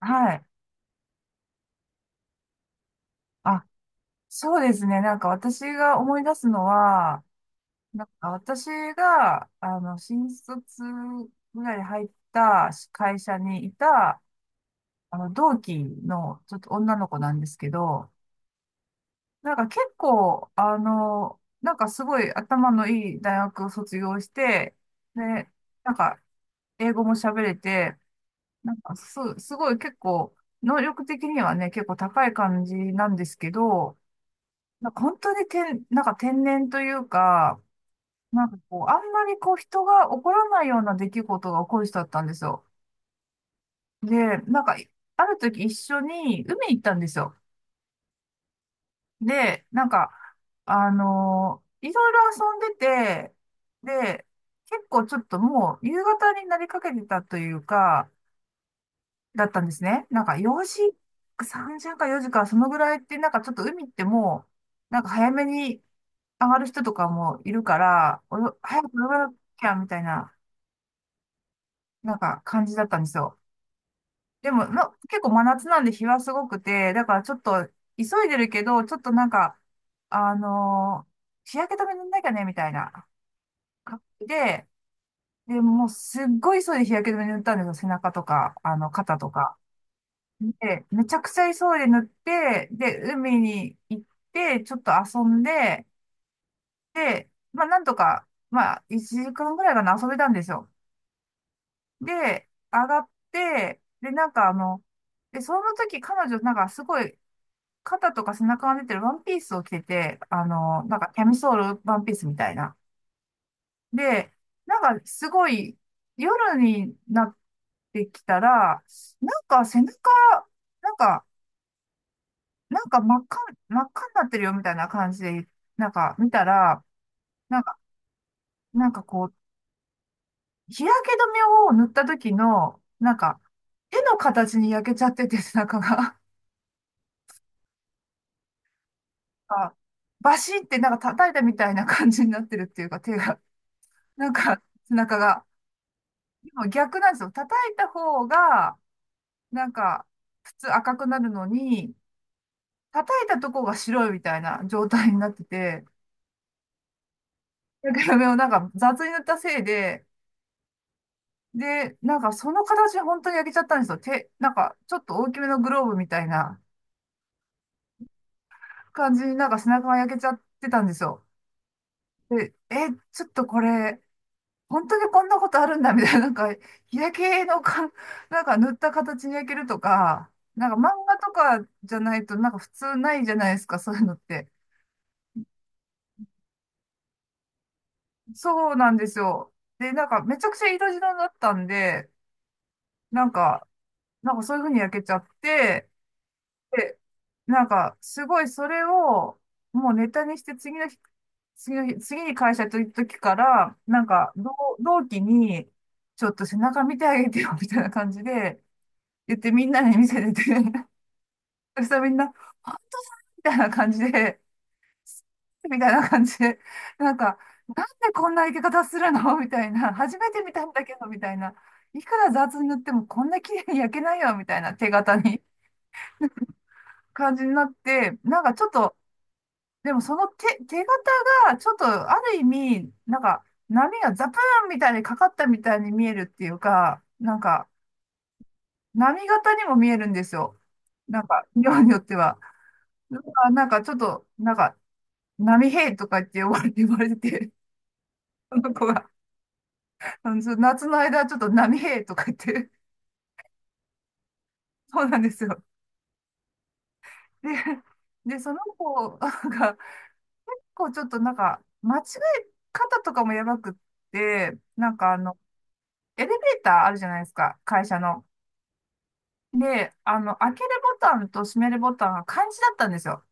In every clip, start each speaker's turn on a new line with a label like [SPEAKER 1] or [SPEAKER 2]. [SPEAKER 1] はい。あ、そうですね。なんか私が思い出すのは、なんか私が、新卒ぐらいで入った会社にいた、同期のちょっと女の子なんですけど、なんか結構、なんかすごい頭のいい大学を卒業して、で、なんか英語も喋れて、なんかすごい結構、能力的にはね、結構高い感じなんですけど、なんか本当になんか天然というか、なんかこう、あんまりこう人が起こらないような出来事が起こる人だったんですよ。で、なんか、ある時一緒に海行ったんですよ。で、なんか、いろいろ遊んでて、で、結構ちょっともう夕方になりかけてたというか、だったんですね。なんか4時、3時んか4時か、そのぐらいって、なんかちょっと海ってもう、なんか早めに上がる人とかもいるから、早く泳がなきゃみたいな、なんか感じだったんですよ。でも、結構真夏なんで日はすごくて、だからちょっと急いでるけど、ちょっとなんか、あのー日焼け止め塗んなきゃね、みたいな感じで、で、もうすっごい急いで日焼け止め塗ったんですよ。背中とか、肩とか。で、めちゃくちゃ急いで塗って、で、海に行って、ちょっと遊んで、で、まあ、なんとか、まあ、1時間ぐらいかな、遊べたんですよ。で、上がって、で、なんかで、その時彼女、なんかすごい、肩とか背中が出てるワンピースを着てて、なんかキャミソールワンピースみたいな。で、なんかすごい、夜になってきたら、なんか背中、なんか、なんか真っ赤、真っ赤になってるよみたいな感じで、なんか見たら、なんか、なんかこう、日焼け止めを塗った時の、なんか、手の形に焼けちゃってて、中が、あバシってなんか叩いたみたいな感じになってるっていうか、手が、なんか、背中が。でも逆なんですよ。叩いた方が、なんか、普通赤くなるのに、叩いたとこが白いみたいな状態になってて、日焼け止めをなんか雑に塗ったせいで、で、なんかその形本当に焼けちゃったんですよ。手、なんかちょっと大きめのグローブみたいな感じになんか背中が焼けちゃってたんですよ。で、ちょっとこれ、本当にこんなことあるんだみたいな、なんか日焼けのか、なんか塗った形に焼けるとか、なんか漫画とかじゃないとなんか普通ないじゃないですか、そういうのって。そうなんですよ。で、なんかめちゃくちゃ色白だったんで、なんか、なんかそういう風に焼けちゃって、で、なんか、すごいそれを、もうネタにして次の日、次の日、次に会社と行った時から、なんか、同期に、ちょっと背中見てあげてよ、みたいな感じで、言ってみんなに見せてて、そしたらみんな、あみたいな感じで、みたいな感じで、なんか、なんでこんな生け方するのみたいな、初めて見たんだけど、みたいな、いくら雑に塗ってもこんな綺麗に焼けないよ、みたいな手形に感じになって、なんかちょっと、でもその手形が、ちょっとある意味、なんか、波がザプーンみたいにかかったみたいに見えるっていうか、なんか、波形にも見えるんですよ。なんか、量によっては。なんか、なんかちょっと、なんか、波平とか言って呼ばれて、われてて、その子が、そう夏の間ちょっと波平とか言って、そうなんですよ。で、その子が、こうちょっとなんか、間違え方とかもやばくって、なんかエレベーターあるじゃないですか、会社の。で、開けるボタンと閉めるボタンが漢字だったんですよ。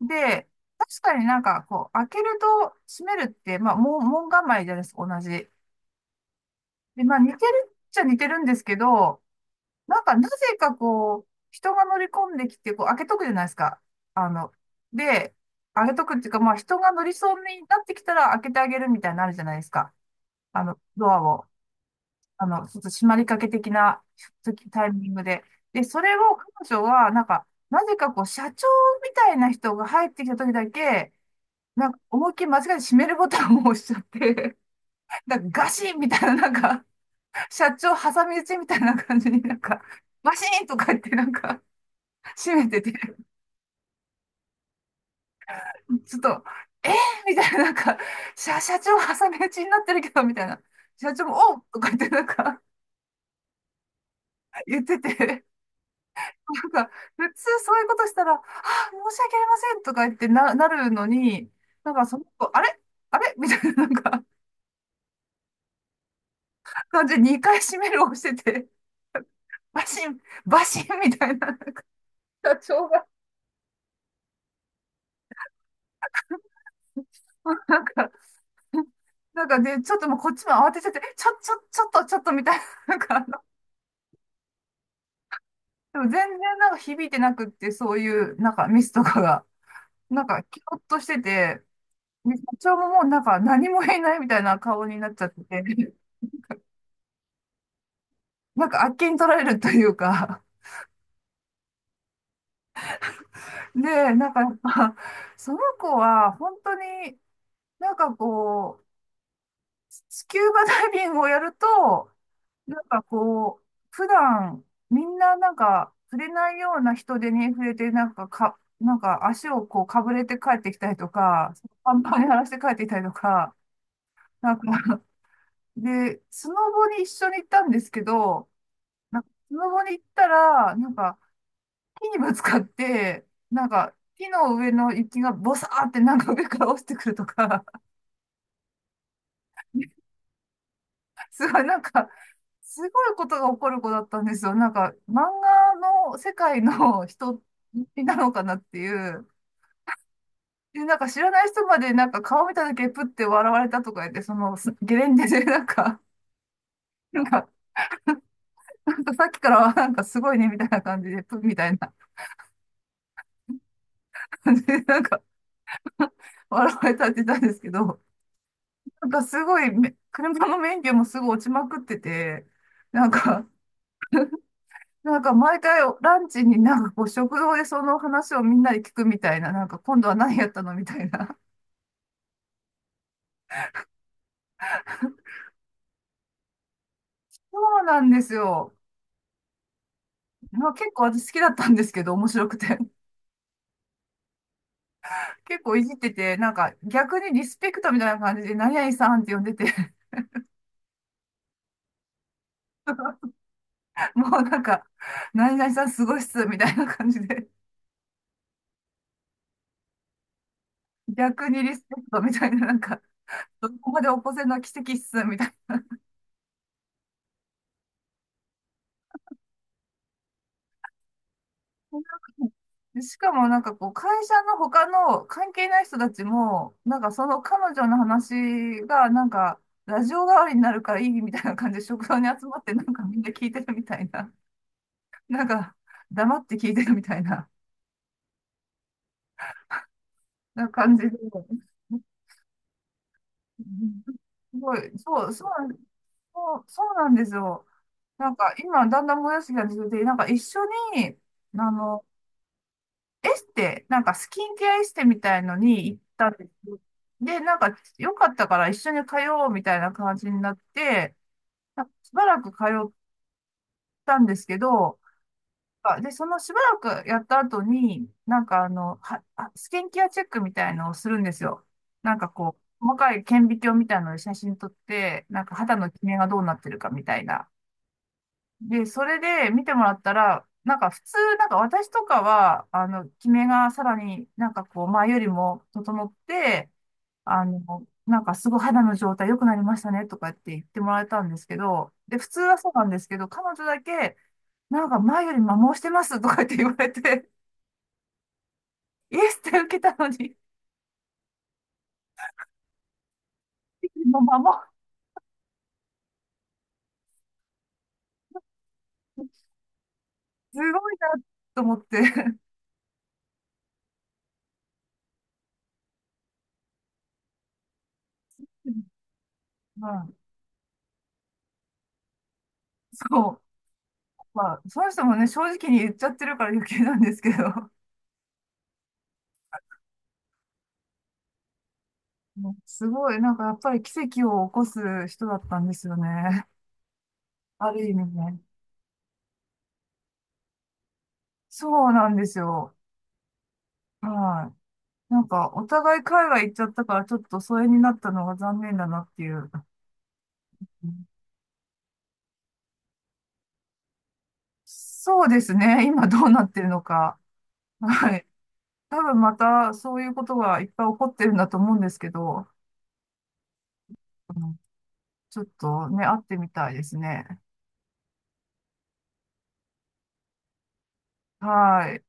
[SPEAKER 1] で、確かになんか、こう、開けると閉めるって、まあ、門構えじゃないですか、同じ。で、まあ、似てるっちゃ似てるんですけど、なんか、なぜかこう、人が乗り込んできて、こう、開けとくじゃないですか。あの、で、開けとくっていうか、まあ、人が乗りそうになってきたら開けてあげるみたいになのあるじゃないですか。ドアを。ちょっと締まりかけ的なタイミングで。で、それを彼女は、なんか、なぜかこう、社長みたいな人が入ってきた時だけ、なんか、思いっきり間違えて閉めるボタンを押しちゃって、なんかガシンみたいな、なんか、社長挟み撃ちみたいな感じになんか、バシーンとか言ってなんか、閉めてて、ちょっと、えー、みたいな、なんか、社長挟み撃ちになってるけど、みたいな。社長も、おうとか言ってなんか、言ってて、なんか、普通そういうことしたら、あ、申し訳ありませんとか言ってなるのに、なんかその子、あれあれみたいな、なんか、感じで2回閉めるをしてて、バシン、バシンみたいな、社長が、なんか、なんかで、ちょっともうこっちも慌てちゃって、ちょっと、ちょっとみたいな、なんか、でも全然なんか響いてなくって、そういう、なんかミスとかが、なんか、キョッとしてて、で社長ももうなんか何も言えないみたいな顔になっちゃってて、なんかあっけに取られるというか で、なんかやっぱ、その子は本当になんかこう、スキューバダイビングをやると、なんかこう、普段みんななんか触れないような人手に触れて、なんかか、なんか足をこうかぶれて帰ってきたりとか、パンパンに荒らして帰ってきたりとか、なんかで、スノボに一緒に行ったんですけど、なんかスノボに行ったら、なんか木にぶつかって、なんか、木の上の雪がボサーってなんか上から落ちてくるとか、すごいなんか、すごいことが起こる子だったんですよ。なんか、漫画の世界の人なのかなっていう。で、なんか知らない人までなんか顔見ただけプッて笑われたとか言って、そのゲレンデでなんか、なんか、なんかさっきからはなんかすごいねみたいな感じで、プッみたいな感じでなんか笑われたって言ったんですけど、なんかすごい車の免許もすぐ落ちまくってて、なんか、なんか毎回ランチになんかこう食堂でその話をみんなで聞くみたいな、なんか今度は何やったのみたいな。そうなんですよ。まあ、結構私好きだったんですけど、面白くて。結構いじってて、なんか逆にリスペクトみたいな感じで、何々さんって呼んでて、もうなんか、何々さんすごいっす、みたいな感じで。逆にリスペクトみたいな、なんか、どこまで起こせるのは奇跡っす、みたいな。でしかもなんかこう、会社の他の関係ない人たちも、なんかその彼女の話が、なんか、ラジオ代わりになるからいいみたいな感じで食堂に集まって、なんかみんな聞いてるみたいな。なんか、黙って聞いてるみたいな、な感じで。うんすごい、そうそうなんですよ。なんか今、だんだんもやしが出てて、なんか一緒に、あの、エステ、なんかスキンケアエステみたいのに行ったんです。で、なんか良かったから一緒に通おうみたいな感じになって、なんかしばらく通ったんですけど、で、そのしばらくやった後に、なんかスキンケアチェックみたいのをするんですよ。なんかこう、細かい顕微鏡みたいので写真撮って、なんか肌のキメがどうなってるかみたいな。で、それで見てもらったら、なんか普通、なんか私とかは、キメがさらになんかこう、前よりも整って、なんかすごい肌の状態良くなりましたねとかって言ってもらえたんですけど、で、普通はそうなんですけど、彼女だけ、なんか前より摩耗してますとかって言われて、イエスって受けたのに、もう摩耗、すごいなと思って。うん、そう。まあ、その人もね、正直に言っちゃってるから余計なんですけど。もうすごい、なんかやっぱり奇跡を起こす人だったんですよね。ある意味ね。そうなんですよ。はい。なんかお互い海外行っちゃったからちょっと疎遠になったのが残念だなっていう。そうですね。今どうなってるのか。はい。多分またそういうことがいっぱい起こってるんだと思うんですけど、うんちょっとね、会ってみたいですね。はい。